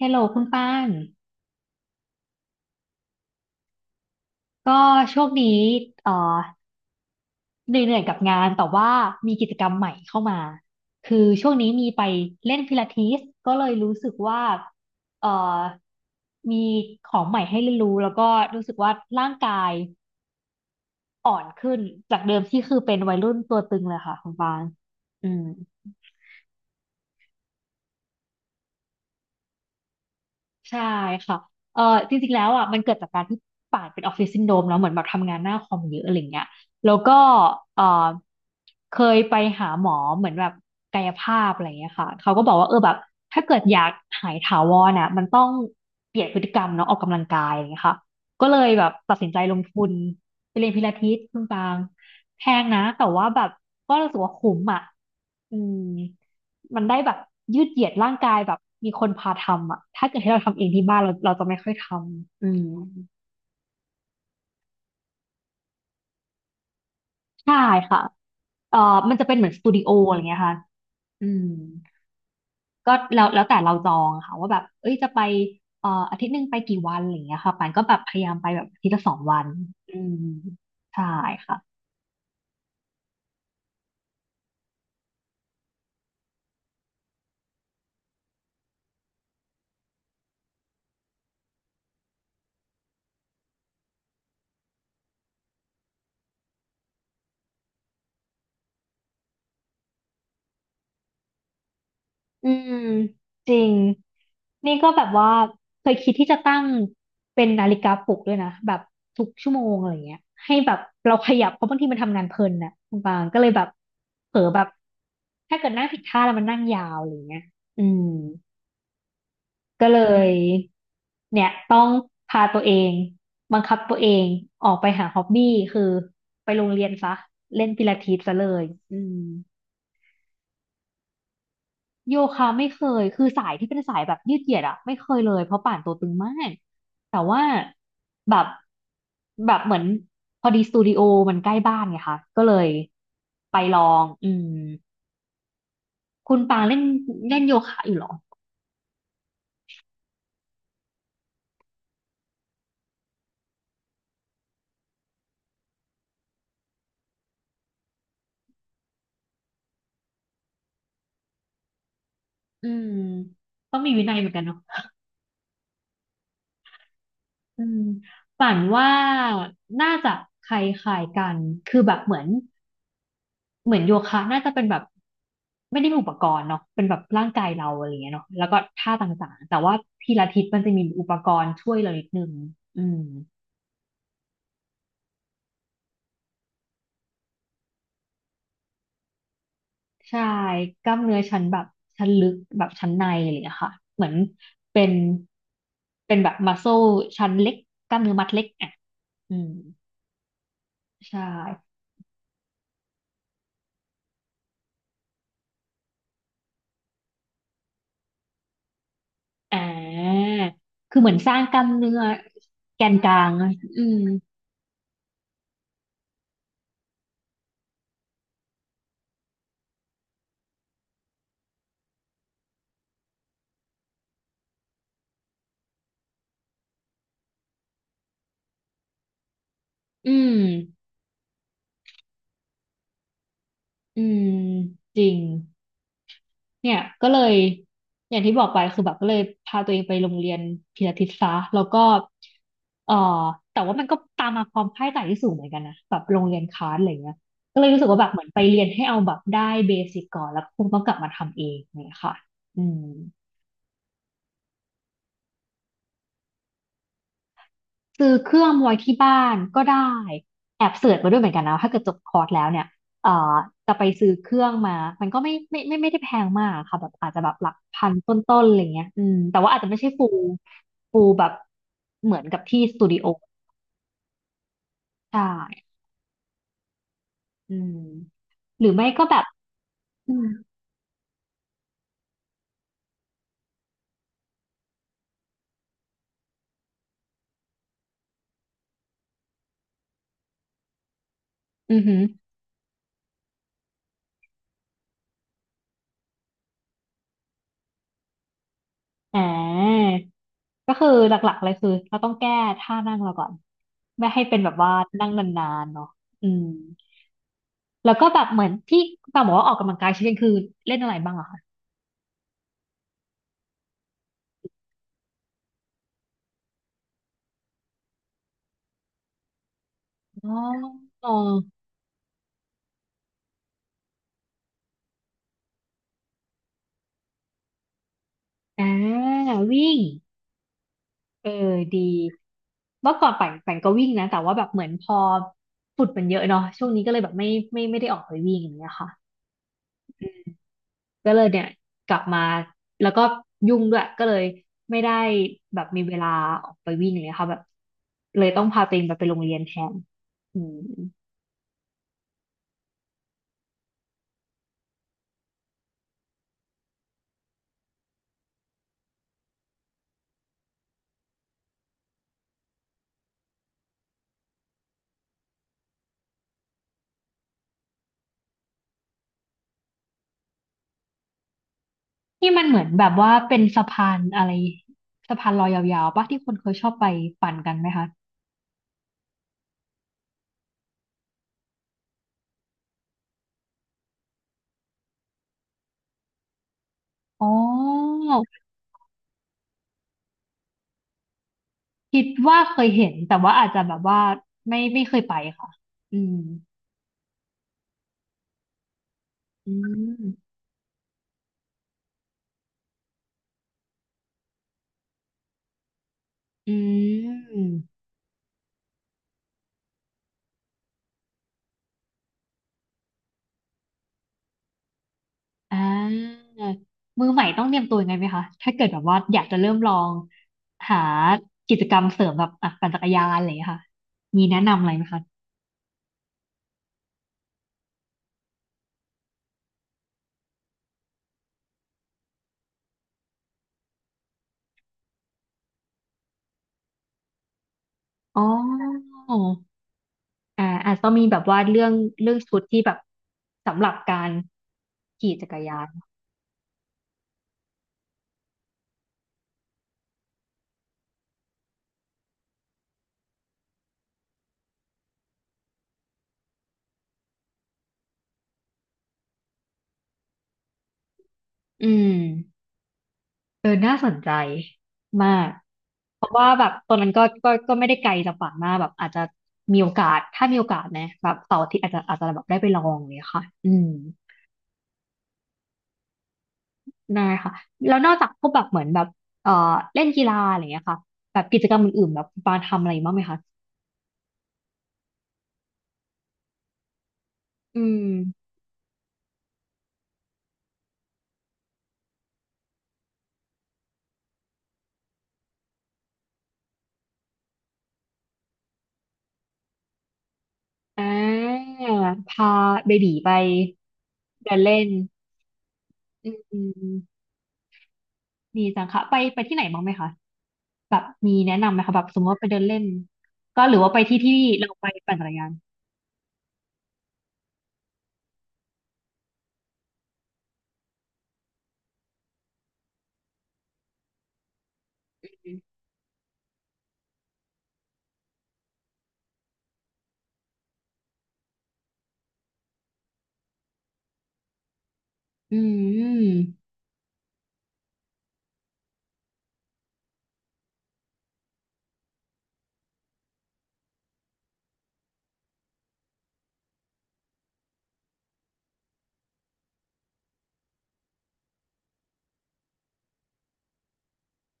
ฮลโหลคุณป้านก็ช่วงนี้เอ่อเหนื่อยๆกับงานแต่ว่ามีกิจกรรมใหม่เข้ามา คือช่วงนี้มีไปเล่นพิลาทิสก็เลยรู้สึกว่าเอ่อมีของใหม่ให้เรียนรู้แล้วก็รู้สึกว่าร่างกายอ่อนขึ้นจากเดิมที่คือเป็นวัยรุ่นตัวตึงเลยค่ะคุณป้านอืม ใช่ค่ะเออจริงๆแล้วอ่ะมันเกิดจากการที่ป่านเป็นออฟฟิศซินโดรมแล้วเหมือนแบบทำงานหน้าคอมเยอะอะไรเงี้ยแล้วก็เออเคยไปหาหมอเหมือนแบบกายภาพอะไรเงี้ยค่ะเขาก็บอกว่าเออแบบถ้าเกิดอยากหายถาวรอ่ะมันต้องเปลี่ยนพฤติกรรมเนาะออกกำลังกายอะไรเงี้ยค่ะก็เลยแบบตัดสินใจลงทุนไปเรียนพิลาทิสคุณปางแพงนะแต่ว่าแบบก็รู้สึกว่าคุ้มอ่ะอืม มันได้แบบยืดเหยียดร่างกายแบบมีคนพาทำอ่ะถ้าเกิดให้เราทำเองที่บ้านเราจะไม่ค่อยทำอืมใช่ค่ะมันจะเป็นเหมือนสตูดิโออะไรเงี้ยค่ะอืมก็แล้วแต่เราจองค่ะว่าแบบเอ้ยจะไปอาทิตย์หนึ่งไปกี่วันอะไรเงี้ยค่ะปานก็แบบพยายามไปแบบอาทิตย์ละสองวันอืมใช่ค่ะ อืมจริงนี่ก็แบบว่าเคยคิดที่จะตั้งเป็นนาฬิกาปลุกด้วยนะแบบทุกชั่วโมงอะไรเงี้ยให้แบบเราขยับเพราะบางทีมันทำงานเพลินน่ะคุณปางก็เลยแบบเผลอแบบถ้าเกิดนั่งผิดท่าแล้วมันนั่งยาวอะไรเงี้ยอืมก็เลยเนี่ยต้องพาตัวเองบังคับตัวเองออกไปหาฮ็อบบี้คือไปโรงเรียนซะเล่นพิลาทิสซะเลยอืม โยคะไม่เคย คือสายที่เป็นสายแบบยืดเหยียดอะไม่เคยเลยเพราะป่านตัวตึงมาก แต่ว่าแบบแบบเหมือนพอดีสตูดิโอมันใกล้บ้านไงคะก็เลยไปลองอืมคุณปางเล่นเล่นโยคะอยู่เหรอ อืมต้องมีวินัยเหมือนกันเนาะอืมป่านว่าน่าจะคล้ายๆกันคือแบบเหมือน เหมือนโยคะน่าจะเป็นแบบไม่ได้มีอุปกรณ์เนาะเป็นแบบร่างกายเราอะไรอย่างเงี้ยเนาะแล้วก็ท่าต่างๆแต่ว่าพิลาทิสมันจะมีอุปกรณ์ช่วยเรานิดนึงอืมใช่กล้ามเนื้อชั้นแบบชั้นลึกแบบชั้นในอะไรอย่างเงี้ยค่ะเหมือนเป็นเป็นแบบมัสโซชั้นเล็กกล้ามเนื้อมัดเล็กอ่ะอืมใช่อ่าคือเหมือนสร้างกล้ามเนื้อแกนกลางอะอืมอืมอืมจริง เนี่ยก็เลยอย่างที่บอกไปคือแบบก็เลยพาตัวเองไปโรงเรียนพิลาทิสซะแล้วก็เอ่อแต่ว่ามันก็ตามมาความคาดหมายที่สูงเหมือนกันนะแบบโรงเรียนคลาสอะไรเงี้ยก็เลยรู้สึกว่าแบบเหมือนไปเรียนให้เอาแบบได้เบสิกก่อนแล้วคงต้องกลับมาทำเองเนี่ยค่ะอืม ซื้อเครื่องไว้ที่บ้านก็ได้แอบเสิร์ชมาด้วยเหมือนกันนะถ้าเกิดจบคอร์สแล้วเนี่ยเอ่อจะไปซื้อเครื่องมามันก็ไม่ได้แพงมากค่ะแบบอาจจะแบบหลักพันต้นๆอะไรเงี้ยอืมแต่ว่าอาจจะไม่ใช่ฟูลแบบเหมือนกับที่สตูดิโอใช่อืมหรือไม่ก็แบบอืมอือหืออ่าก็คือหลักๆเลยคือเราต้องแก้ท่านั่งเราก่อนไม่ให้เป็นแบบว่านั่งนานๆเนาะอืม แล้วก็แบบเหมือนที่ปามบอกว่าออกกำลังกายชิ้นคือเล่นอะไรบ้างเหรอคะอ๋ออออ่าวิ่งเออดีเมื่อก่อนปั่นก็วิ่งนะแต่ว่าแบบเหมือนพอฝุ่นมันเยอะเนาะช่วงนี้ก็เลยแบบไม่ได้ออกไปวิ่งอย่างเงี้ยค่ะก็เลยเนี่ยกลับมาแล้วก็ยุ่งด้วยก็เลยไม่ได้แบบมีเวลาออกไปวิ่งอย่างเงี้ยค่ะแบบเลยต้องพาตัวเองแบบไปโรงเรียนแทนอืม ที่มันเหมือนแบบว่าเป็นสะพานอะไรสะพานลอยยาวๆปะที่คนเคยชอบไปปั่นกันไหมคะอ๋อคิดว่าเคยเห็นแต่ว่าอาจจะแบบว่าไม่ไม่เคยไปค่ะอืมอืมอืมอ่ามือใหม่ต้องเตรียมตัวยังไงไหมคะถ้าเกิดแบบว่าอยากจะเริ่มลองหากิจกรรมเสริมแบบอ่ะปั่นจักรยานอะไรอย่างเงี้ยค่ะมีแนะนำอะไรไหมคะอ๋อ อ่าอาจจะต้องมีแบบว่าเรื่องเรื่องชุดที่แบบสำหรับการขี่จักรยานอืมเออน่าสนใจมากเพราะว่าแบบตอนนั้นก็ไม่ได้ไกลจากฝั่งมากแบบอาจจะมีโอกาสถ้ามีโอกาสนะแบบเสาร์อาทิตย์อาจจะแบบได้ไปลองเลยค่ะอืมได้ค่ะแล้วนอกจากพวกแบบเหมือนแบบเอ่อเล่นกีฬาอะไรอย่างเงี้ยค่ะแบบกิจกรรมอื่นๆแบบคุณปาทำอะไรบ้างไหมคะอืมอ่าพาเบบีไปเดินเล่น อืมดีจังค่ะไปไปที่ไหนบ้างไหมคะแบบมีแนะนำไหมคะแบบสมมติว่าไปเดินเล่นก็หรือว่าไปที่ที่เราไปปั่นจักรยานอืม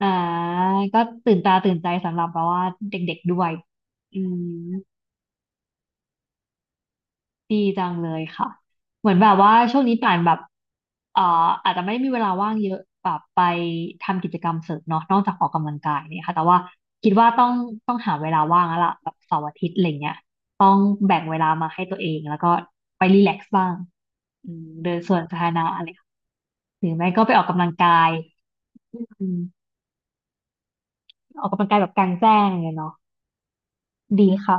อ่าก็ตื่นตาตื่นใจสำหรับแบบว่าเด็กๆด้วยอืม ดีจังเลยค่ะเหมือนแบบว่าช่วงนี้ป่านแบบเอ่ออาจจะไม่มีเวลาว่างเยอะแบบไปทำกิจกรรมเสริมเนาะนอกจากออกกำลังกายเนี่ยค่ะแต่ว่าคิดว่าต้องหาเวลาว่างแล้วล่ะแบบเสาร์อาทิตย์อะไรเงี้ยต้องแบ่งเวลามาให้ตัวเองแล้วก็ไปรีแลกซ์บ้างอืมเดินสวนสาธารณะอะไรค่ะหรือไม่ก็ไปออกกำลังกายอืมออกกำลังกายแบบกลางแจ้งอะไรเลยเนาะดีค่ะ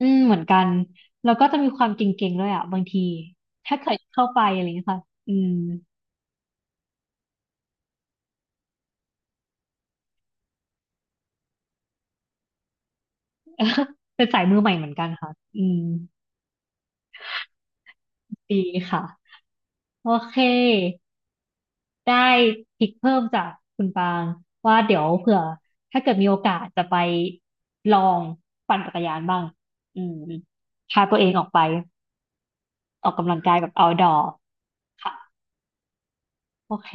อืมเหมือนกันแล้วก็จะมีความเก่งๆด้วยอ่ะบางทีถ้าเกิดเข้าไปอะไรเงี้ยค่ะอืม เป็นสายมือใหม่เหมือนกันค่ะ อืม ดีค่ะ โอเค ได้ทิกเพิ่มจากคุณปางว่าเดี๋ยวเผื่อถ้าเกิดมีโอกาสจะไปลองปั่นจักรยานบ้าง อืมพาตัวเองออกไปออกกำลังกายแบบ outdoor ค่ะ โอเค